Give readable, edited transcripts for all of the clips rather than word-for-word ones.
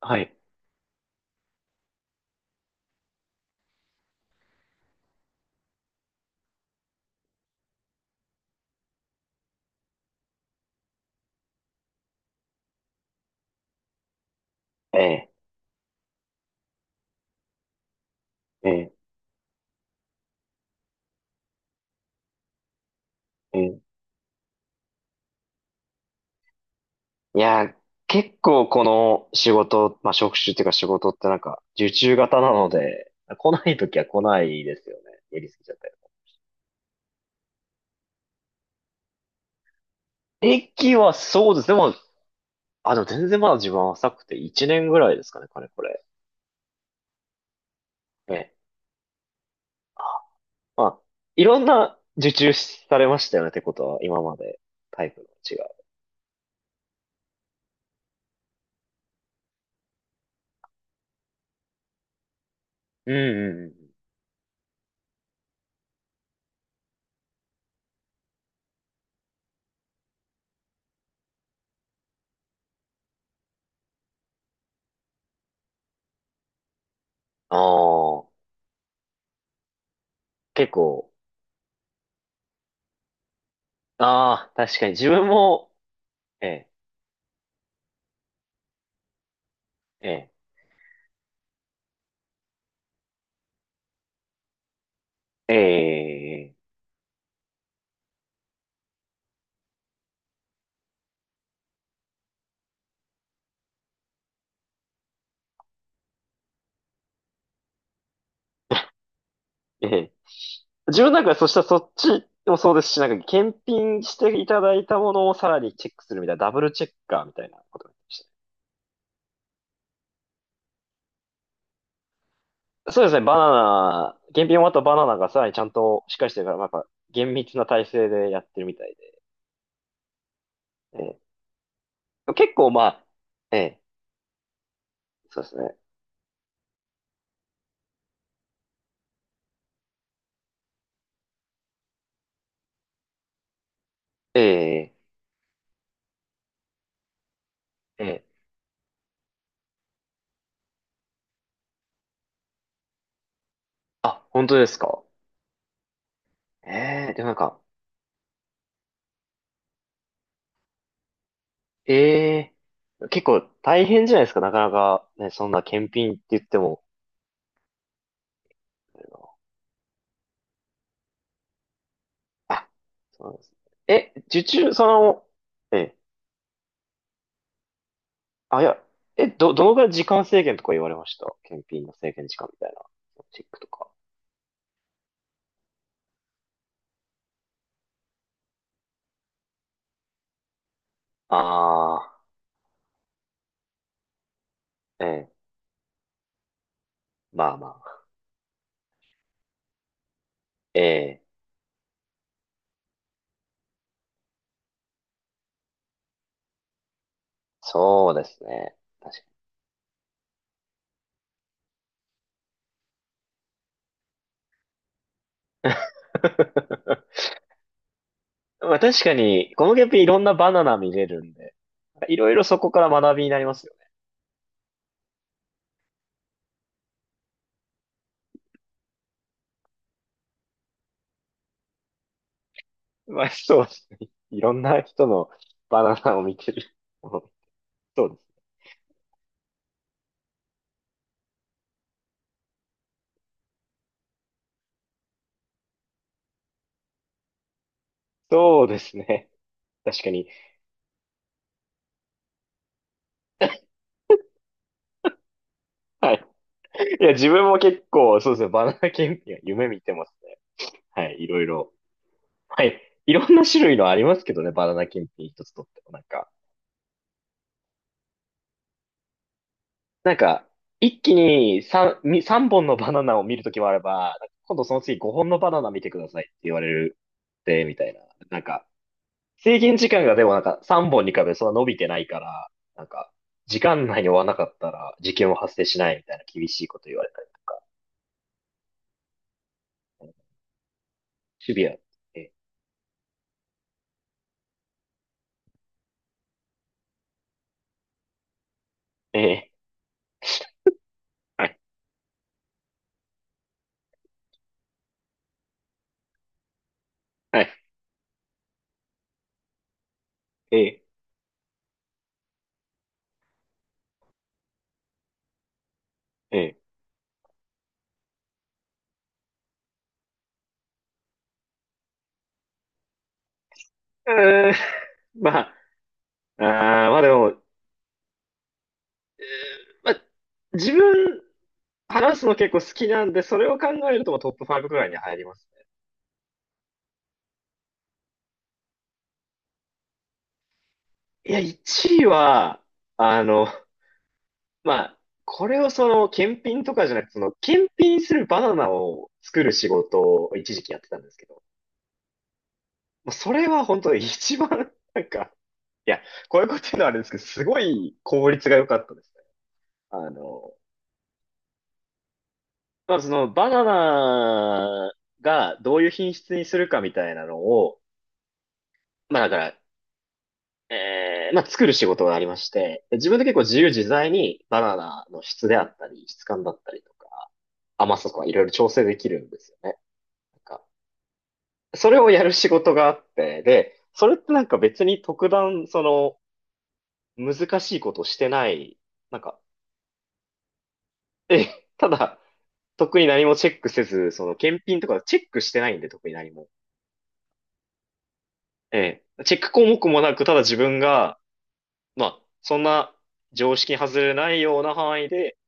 はい。ええ、ええ、ええ。いやー、結構この仕事、まあ、職種っていうか仕事ってなんか、受注型なので、来ないときは来ないですよね。やりすぎちゃったり。駅はそうです。でも、でも全然まだ自分は浅くて1年ぐらいですかね、かれこれ。ええ。まあ、いろんな受注されましたよねってことは、今までタイプの違う。うんうんうん。ああ、結構、ああ、確かに自分も、ええ、ええ、ええ、ええ自分なんかそしたらそっちもそうですし、なんか検品していただいたものをさらにチェックするみたいな、ダブルチェッカーみたいなことでましたね。そうですね、バナナ、検品終わったバナナがさらにちゃんとしっかりしてるから、まあやっぱ厳密な体制でやってるみたいで。ええ結構まあ、ええ、そうですね。ええ、ええ。あ、本当ですか。ええ、でもなんか、ええ、結構大変じゃないですか、なかなかね、そんな検品って言っても。あそうなんですね。え、受注、その、え、あ、いや、え、どのぐらい時間制限とか言われました検品の制限時間みたいな。チェックとか。ああ、ええ、まあまあ。ええ、そうですね。確かに。まあ確かに、この検品いろんなバナナ見れるんで、いろいろそこから学びになりますよね。まあそうですね。いろんな人のバナナを見てる。そうです。そうですね。確かに。はい。いや、自分も結構、そうですね、バナナ検品は夢見てますね。はい、いろいろ。はい、いろんな種類のありますけどね、バナナ検品一つとっても。なんか、なんか、一気に三本のバナナを見るときもあれば、なんか今度その次5本のバナナ見てくださいって言われるで、みたいな。なんか、制限時間がでもなんか3本に比べてそんな伸びてないから、なんか、時間内に終わらなかったら事件は発生しないみたいな厳しいこと言われたり。シビア。ええ、ええ、はい、はい、ええ、ええ。うーん、まあ、まあでも、まあ、自分、話すの結構好きなんで、それを考えるともうトップ5くらいに入りますね。いや、1位は、あの、まあ、これをその、検品とかじゃなくて、その、検品するバナナを作る仕事を一時期やってたんですけど、もうそれは本当に一番、なんか、いや、こういうこと言うのはあれですけど、すごい効率が良かったですね。あの、まあ、その、バナナがどういう品質にするかみたいなのを、まあだから、まあ作る仕事がありまして、で自分で結構自由自在にバナナの質であったり、質感だったりとか、甘さとかいろいろ調整できるんですよね。なんか、それをやる仕事があって、で、それってなんか別に特段、その、難しいことをしてない、なんか、え、ただ、特に何もチェックせず、その検品とかチェックしてないんで、特に何も。ええ。チェック項目もなく、ただ自分が、まあ、そんな常識に外れないような範囲で、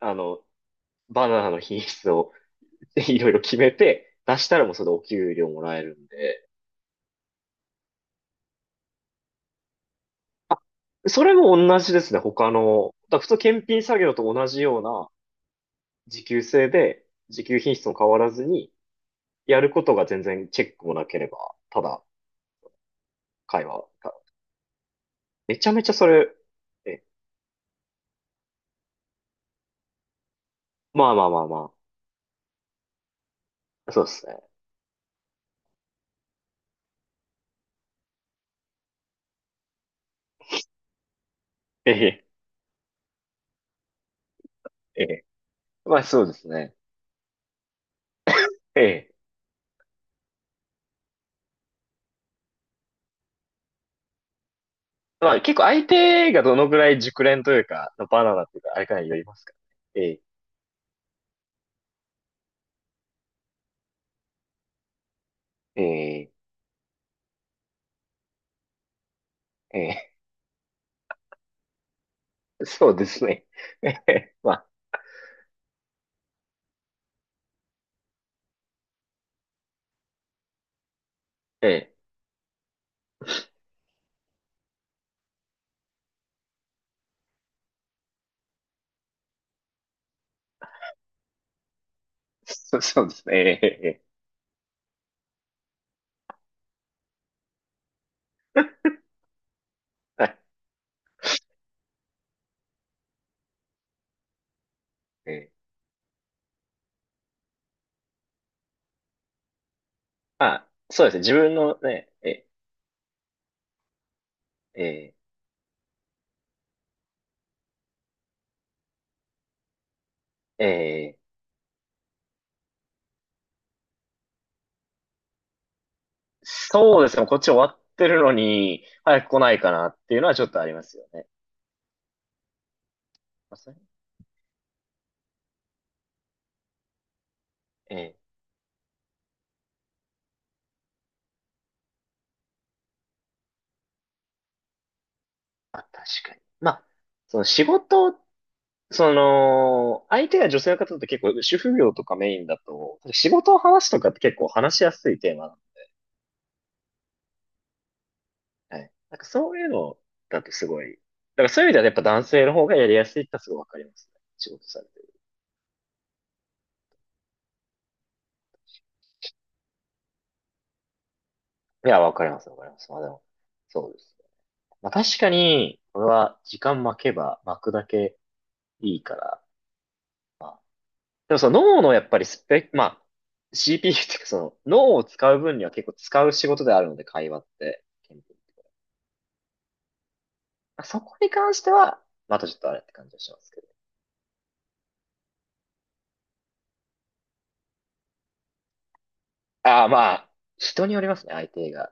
あの、バナナの品質を いろいろ決めて、出したらもうそれでお給料もらえるんで。あそれも同じですね、他の。だから普通検品作業と同じような時給制で、時給品質も変わらずに、やることが全然チェックもなければ、ただ会話が。めちゃめちゃそれ、え、まあまあまあまあ。そうですね。ええ、ええ。まあそうですね。ええ。まあ結構相手がどのぐらい熟練というか、バナナっていうか、あれかによりますからね。ええ、ええ、ええ。そうですね。えへへまあ、ええそ、そうですね。ええええはい。ええまあ、そうですね。自分のね、ええ、ええ、ええそうですね。こっち終わってるのに、早く来ないかなっていうのはちょっとありますよね。まあ、それええ、まあ、確かに。まあ、その仕事、その、相手が女性の方って結構、主婦業とかメインだと、仕事を話すとかって結構話しやすいテーマはい。なんかそういうのだとすごい、だからそういう意味ではやっぱ男性の方がやりやすいってのはすごいわかりますね。仕事されてる。いや、わかります、わかります。まあでも、そうですね。まあ確かに、これは時間巻けば巻くだけいいから、まあ、でもその脳のやっぱりスペック、まあ、CPU っていうかその脳を使う分には結構使う仕事であるので、会話って。まあそこに関しては、またちょっとあれって感じはしますけど。ああ、まあ、人によりますね、相手が